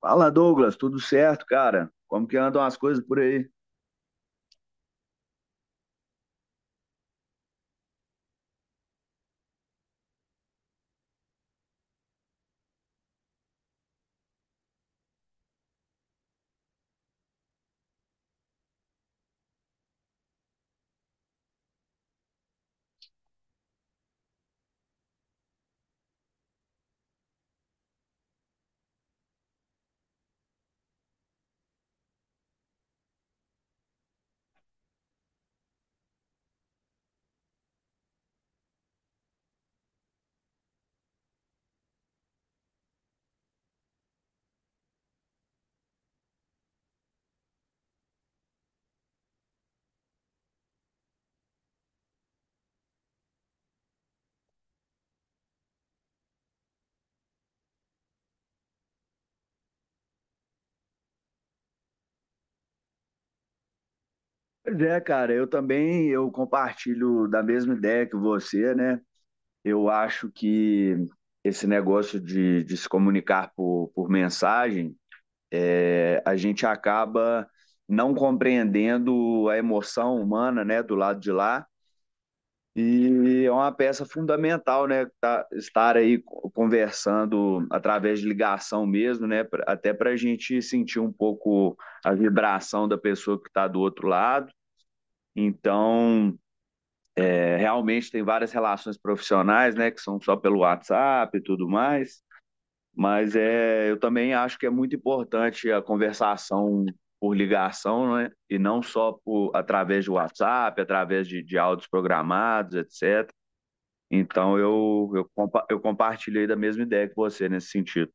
Fala, Douglas, tudo certo, cara? Como que andam as coisas por aí? Pois é, cara, eu também eu compartilho da mesma ideia que você, né? Eu acho que esse negócio de se comunicar por mensagem, a gente acaba não compreendendo a emoção humana, né, do lado de lá. E é uma peça fundamental, né? Estar aí conversando através de ligação mesmo, né? Até para a gente sentir um pouco a vibração da pessoa que está do outro lado. Então, realmente tem várias relações profissionais, né? Que são só pelo WhatsApp e tudo mais. Mas é, eu também acho que é muito importante a conversação por ligação, né? E não só por, através do WhatsApp, através de áudios programados, etc. Então eu compartilhei da mesma ideia que você nesse sentido.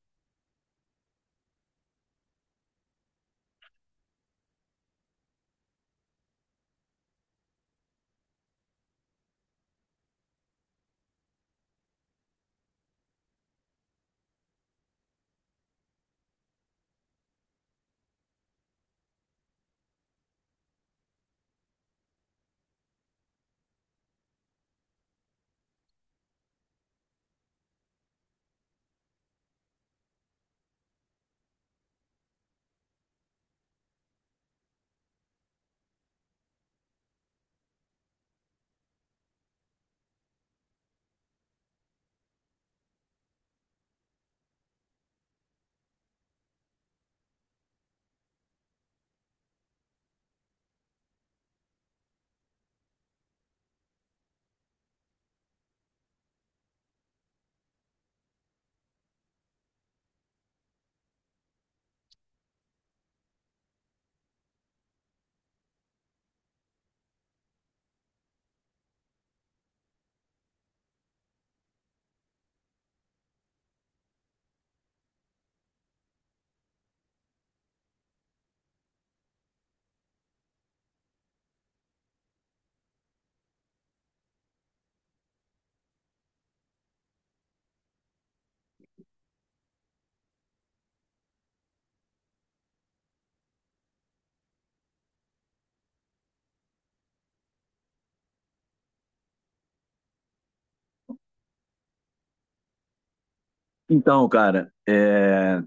Então, cara, é,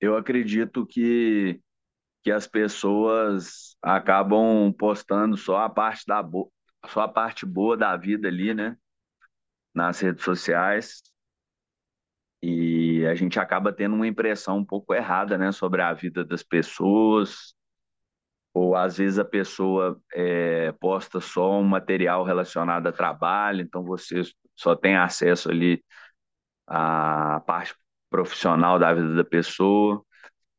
eu acredito que as pessoas acabam postando só a parte boa da vida ali, né, nas redes sociais, e a gente acaba tendo uma impressão um pouco errada, né, sobre a vida das pessoas, ou às vezes a pessoa posta só um material relacionado a trabalho, então você só tem acesso ali a parte profissional da vida da pessoa.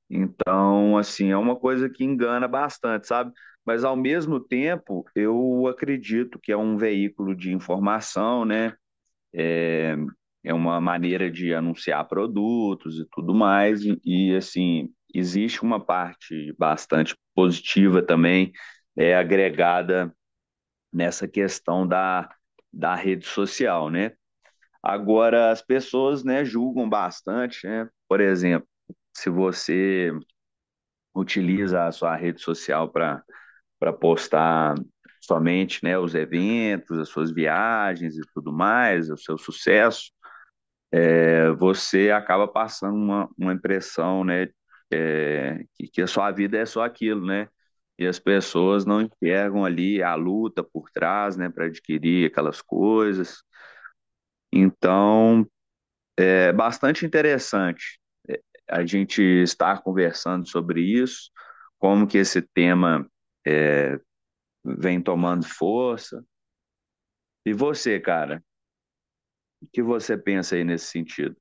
Então, assim, é uma coisa que engana bastante, sabe? Mas, ao mesmo tempo, eu acredito que é um veículo de informação, né? É, é uma maneira de anunciar produtos e tudo mais. Assim, existe uma parte bastante positiva também, é agregada nessa questão da rede social, né? Agora, as pessoas, né, julgam bastante, né? Por exemplo, se você utiliza a sua rede social para postar somente, né, os eventos, as suas viagens e tudo mais, o seu sucesso, você acaba passando uma impressão, né, que a sua vida é só aquilo, né? E as pessoas não enxergam ali a luta por trás, né, para adquirir aquelas coisas. Então, é bastante interessante a gente estar conversando sobre isso, como que esse tema vem tomando força. E você, cara, o que você pensa aí nesse sentido?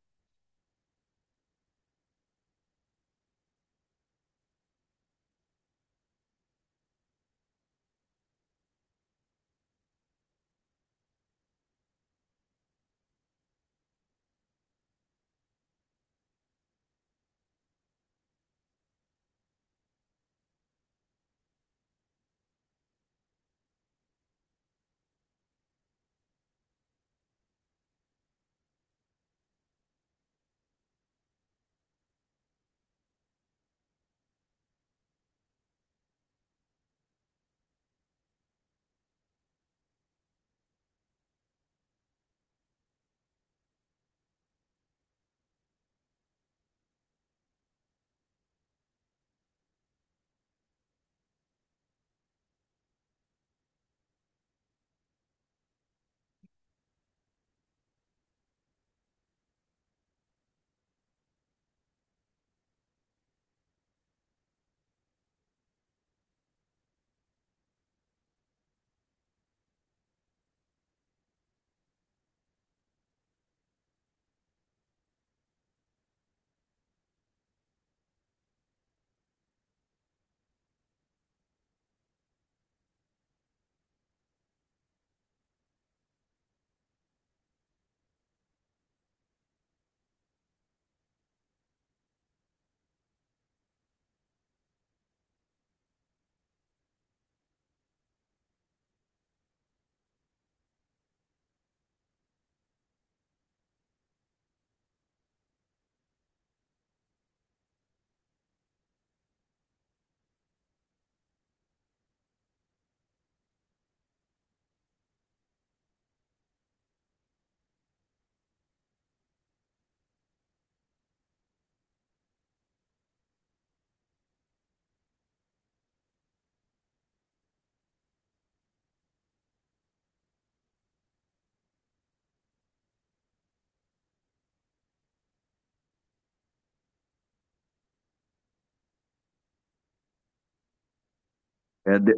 É, de,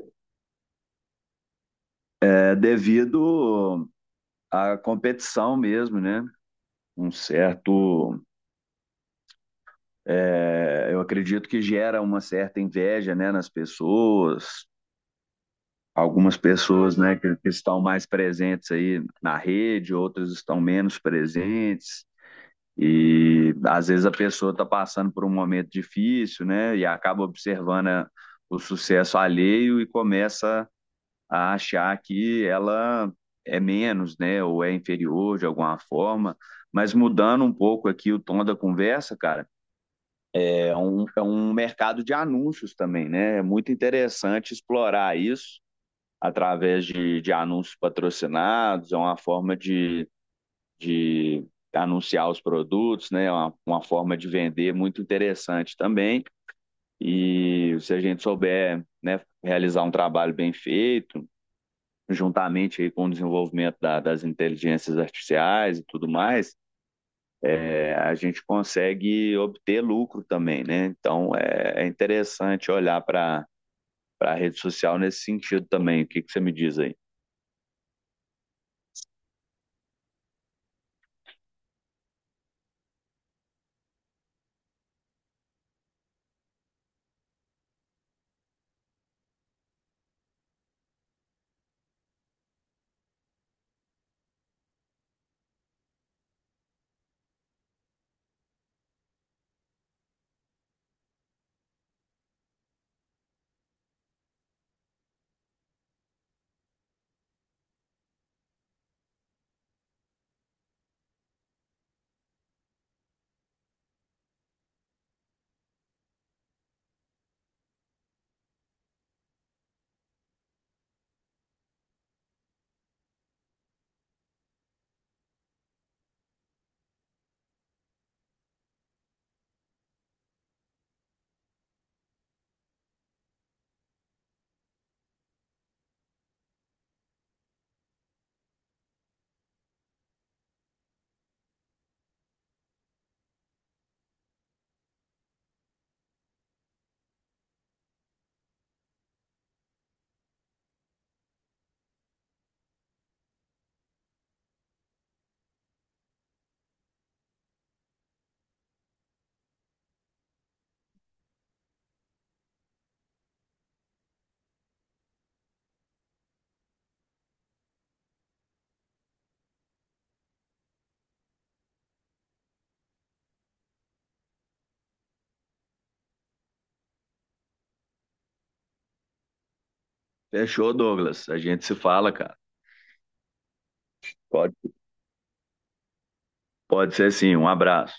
é devido à competição mesmo, né? Um certo, eu acredito que gera uma certa inveja, né, nas pessoas. Algumas pessoas, né, que estão mais presentes aí na rede, outras estão menos presentes. E às vezes a pessoa está passando por um momento difícil, né? E acaba observando o sucesso alheio e começa a achar que ela é menos, né? Ou é inferior de alguma forma. Mas mudando um pouco aqui o tom da conversa, cara, é um mercado de anúncios também, né? É muito interessante explorar isso através de anúncios patrocinados, é uma forma de anunciar os produtos, né? É uma forma de vender muito interessante também. E se a gente souber, né, realizar um trabalho bem feito, juntamente aí com o desenvolvimento das inteligências artificiais e tudo mais, a gente consegue obter lucro também, né? Então é, é interessante olhar para a rede social nesse sentido também. O que você me diz aí? Fechou, Douglas. A gente se fala, cara. Pode, pode ser sim. Um abraço.